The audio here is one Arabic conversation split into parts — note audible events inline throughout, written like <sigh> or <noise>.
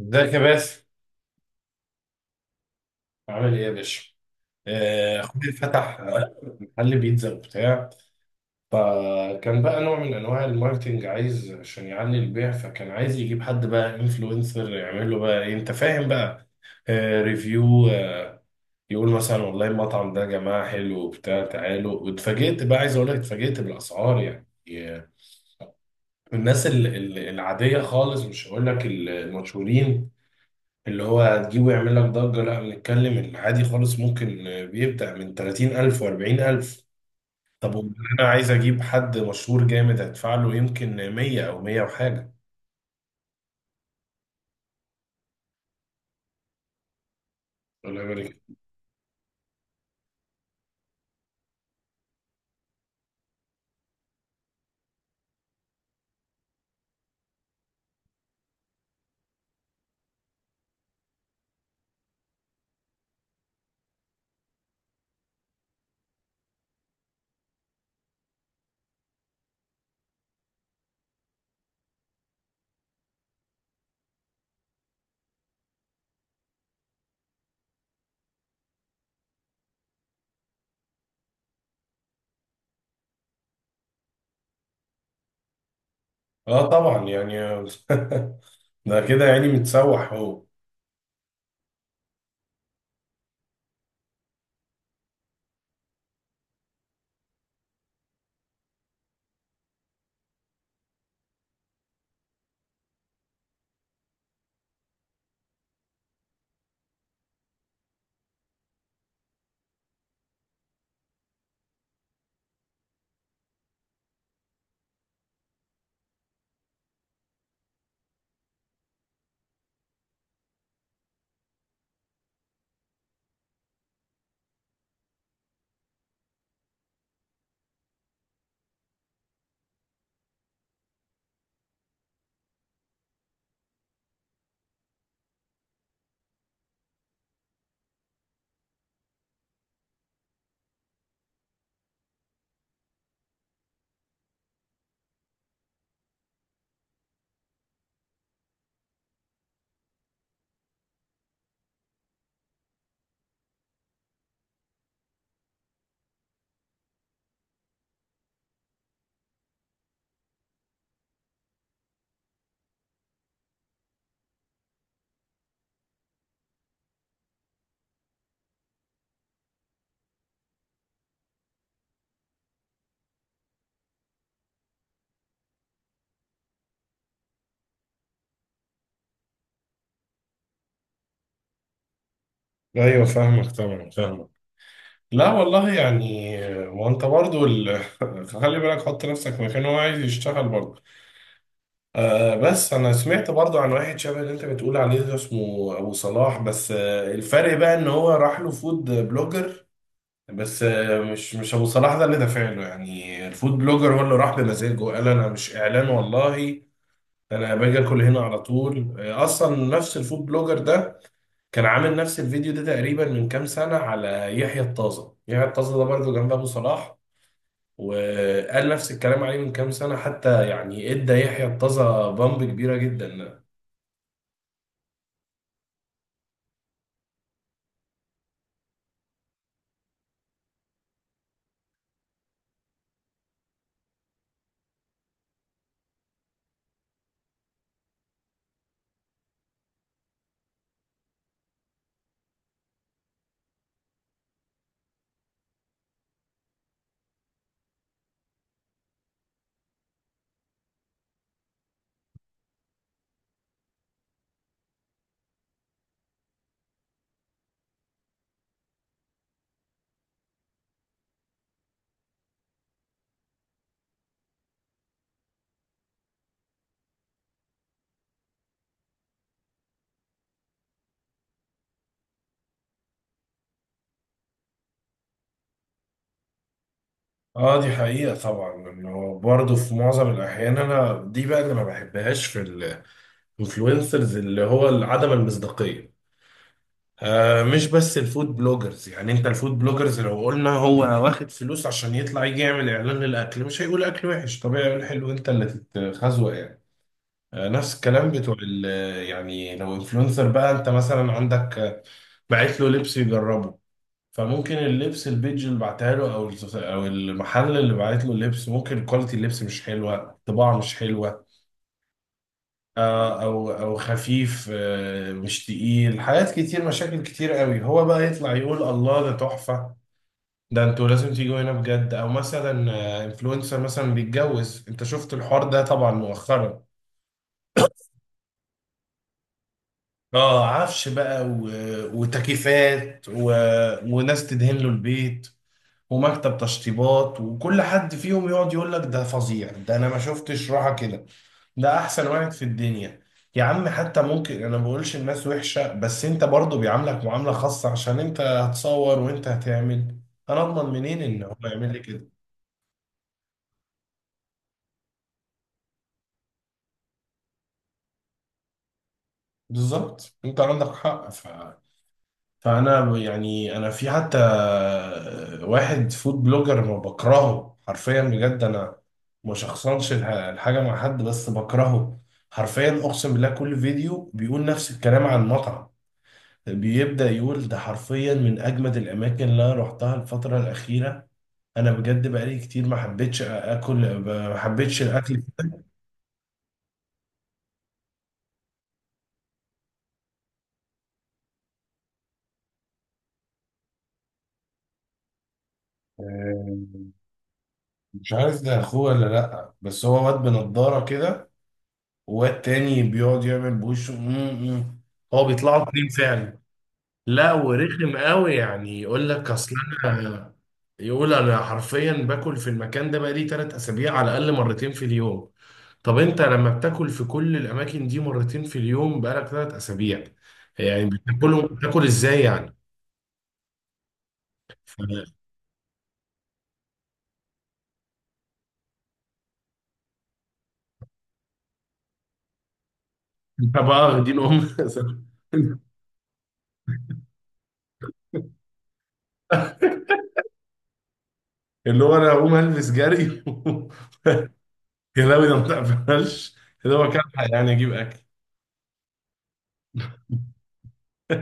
ازيك يا باسم. عامل ايه يا باشا؟ اخوي فتح محل بيتزا وبتاع. فكان بقى نوع من انواع الماركتينج، عايز عشان يعلي البيع، فكان عايز يجيب حد بقى انفلونسر يعمل له بقى ايه، انت فاهم بقى، ريفيو، يقول مثلا والله المطعم ده يا جماعه حلو وبتاع تعالوا. واتفاجئت بقى، عايز اقول لك اتفاجئت بالاسعار، يعني آه، الناس العاديه خالص، مش هقول لك المشهورين اللي هو هتجيبه يعمل لك ضجة، لا بنتكلم العادي خالص، ممكن بيبدأ من 30,000 و40,000. طب أنا عايز أجيب حد مشهور جامد، هدفع له يمكن 100 أو 100 وحاجة، ولا بالك؟ طبعا يعني، <laughs> ده كده يعني متسوح هو. أيوه فاهمك، طبعا فاهمك. لا والله يعني، وأنت برضو <laughs> خلي بالك، حط نفسك مكان هو عايز يشتغل برضو. بس انا سمعت برضو عن واحد شبه اللي انت بتقول عليه ده، اسمه ابو صلاح، بس الفرق بقى ان هو راح له فود بلوجر، بس مش ابو صلاح ده اللي دافع له، يعني الفود بلوجر هو اللي راح بمزاجه، قال انا مش اعلان والله، انا باجي اكل هنا على طول. اصلا نفس الفود بلوجر ده كان عامل نفس الفيديو ده تقريبا من كام سنة على يحيى الطازة. يحيى الطازة ده برضو جنب ابو صلاح، وقال نفس الكلام عليه من كام سنة، حتى يعني ادى يحيى الطازة بامب كبيرة جدا. اه، دي حقيقة طبعا، انه برضه في معظم الاحيان، انا دي بقى اللي ما بحبهاش في الانفلونسرز، اللي هو عدم المصداقية. مش بس الفود بلوجرز، يعني انت الفود بلوجرز لو قلنا هو واخد فلوس عشان يطلع يجي يعمل اعلان للاكل، مش هيقول اكل وحش، طبيعي يقول حلو، انت اللي تتخزوق يعني. نفس الكلام بتوع يعني لو انفلونسر بقى، انت مثلا عندك بعت له لبس يجربه، فممكن اللبس البيج اللي بعتها له، او المحل اللي بعت له اللبس، ممكن كواليتي اللبس مش حلوه، الطباعه مش حلوه، او خفيف، مش تقيل، حاجات كتير، مشاكل كتير قوي، هو بقى يطلع يقول الله ده تحفه، ده انتوا لازم تيجوا هنا بجد. او مثلا انفلونسر مثلا بيتجوز، انت شفت الحوار ده طبعا مؤخرا. اه، عفش بقى و- وتكييفات و- وناس تدهن له البيت، ومكتب تشطيبات، وكل حد فيهم يقعد يقول لك ده فظيع، ده انا ما شفتش راحة كده، ده احسن واحد في الدنيا. يا عم حتى ممكن، انا ما بقولش الناس وحشة، بس انت برضو بيعاملك معاملة خاصة عشان انت هتصور وانت هتعمل. انا اضمن منين ان هو يعمل لي كده؟ بالظبط، انت عندك حق. فانا يعني، انا في حتى واحد فود بلوجر ما بكرهه حرفيا بجد، انا ما شخصنش الحاجه مع حد، بس بكرهه حرفيا، اقسم بالله كل فيديو بيقول نفس الكلام عن مطعم، بيبدا يقول ده حرفيا من اجمد الاماكن اللي انا رحتها الفتره الاخيره، انا بجد بقالي كتير ما حبيتش اكل، ما حبيتش الاكل. آه، مش عارف ده اخوه ولا لا، بس هو واد بنضاره كده، والتاني بيقعد يعمل بوشه هو بيطلعوا اتنين فعلا. لا ورخم قوي، يعني يقول لك اصل انا، يقول انا حرفيا باكل في المكان ده بقالي 3 اسابيع على الاقل مرتين في اليوم. طب انت لما بتاكل في كل الاماكن دي مرتين في اليوم بقالك 3 اسابيع، يعني بتاكلهم، بتاكل ازاي يعني؟ ف- انت بقى واخدين ام. <laughs> اللي هو انا هقوم البس جري. <laughs> كلاوي ده ما تقبلش، ده هو كان يعني اجيب اكل.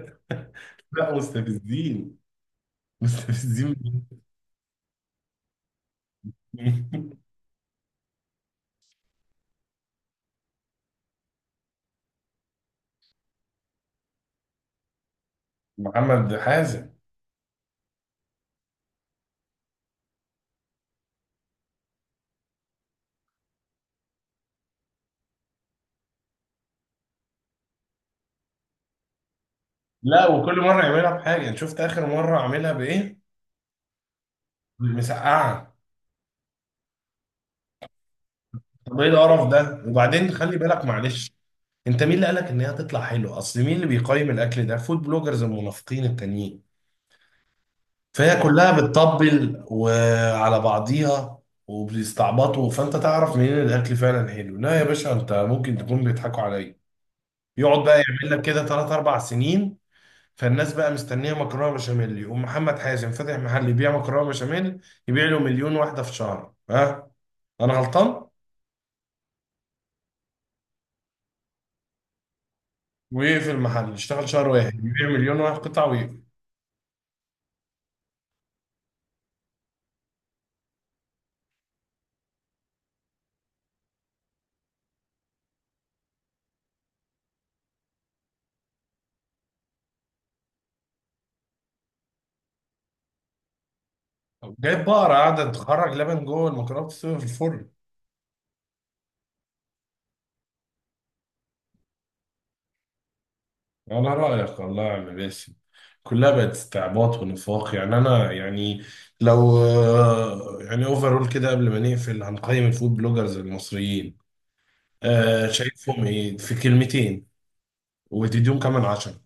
<laughs> لا مستفزين، مستفزين بجد. <laughs> محمد حازم. لا، وكل مره يعملها بحاجه، انت شفت اخر مره عاملها بايه؟ مسقعه. طب ايه القرف ده؟ وبعدين خلي بالك معلش، انت مين اللي قالك ان هي هتطلع حلوه؟ اصل مين اللي بيقيم الاكل ده؟ فود بلوجرز المنافقين التانيين، فهي كلها بتطبل وعلى بعضيها وبيستعبطوا، فانت تعرف منين الاكل فعلا حلو؟ لا يا باشا، انت ممكن تكون بيضحكوا عليا، يقعد بقى يعمل لك كده 3 او 4 سنين. فالناس بقى مستنيه مكرونه بشاميل، يقوم محمد حازم فاتح محل يبيع مكرونه بشاميل، يبيع له 1,000,000 واحده في شهر. ها، انا غلطان؟ ويقفل المحل، يشتغل شهر واحد يبيع 1,000,000 واحد قطعه ويقفل. جايب بقرة قاعدة تخرج لبن جوه المكرونة بتستوي في الفرن. على رأيك والله يا عم باسم، كلها بقت استعباط ونفاق، يعني أنا يعني لو يعني أوفرول كده قبل ما نقفل هنقيم الفود بلوجرز المصريين، شايفهم ايه في كلمتين وتديهم كمان 10؟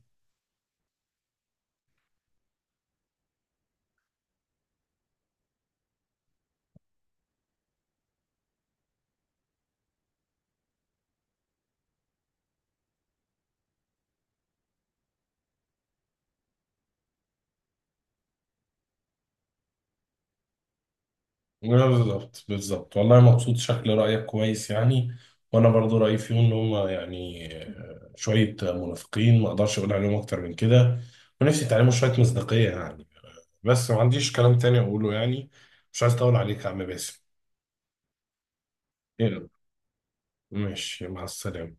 بالظبط بالظبط، والله مبسوط، شكل رأيك كويس يعني. وانا برضو رأيي فيهم ان هم يعني شوية منافقين، ما اقدرش اقول عليهم اكتر من كده، ونفسي يتعلموا شوية مصداقية يعني. بس ما عنديش كلام تاني اقوله يعني، مش عايز اطول عليك يا عم باسم. يلا، ماشي، مع السلامة.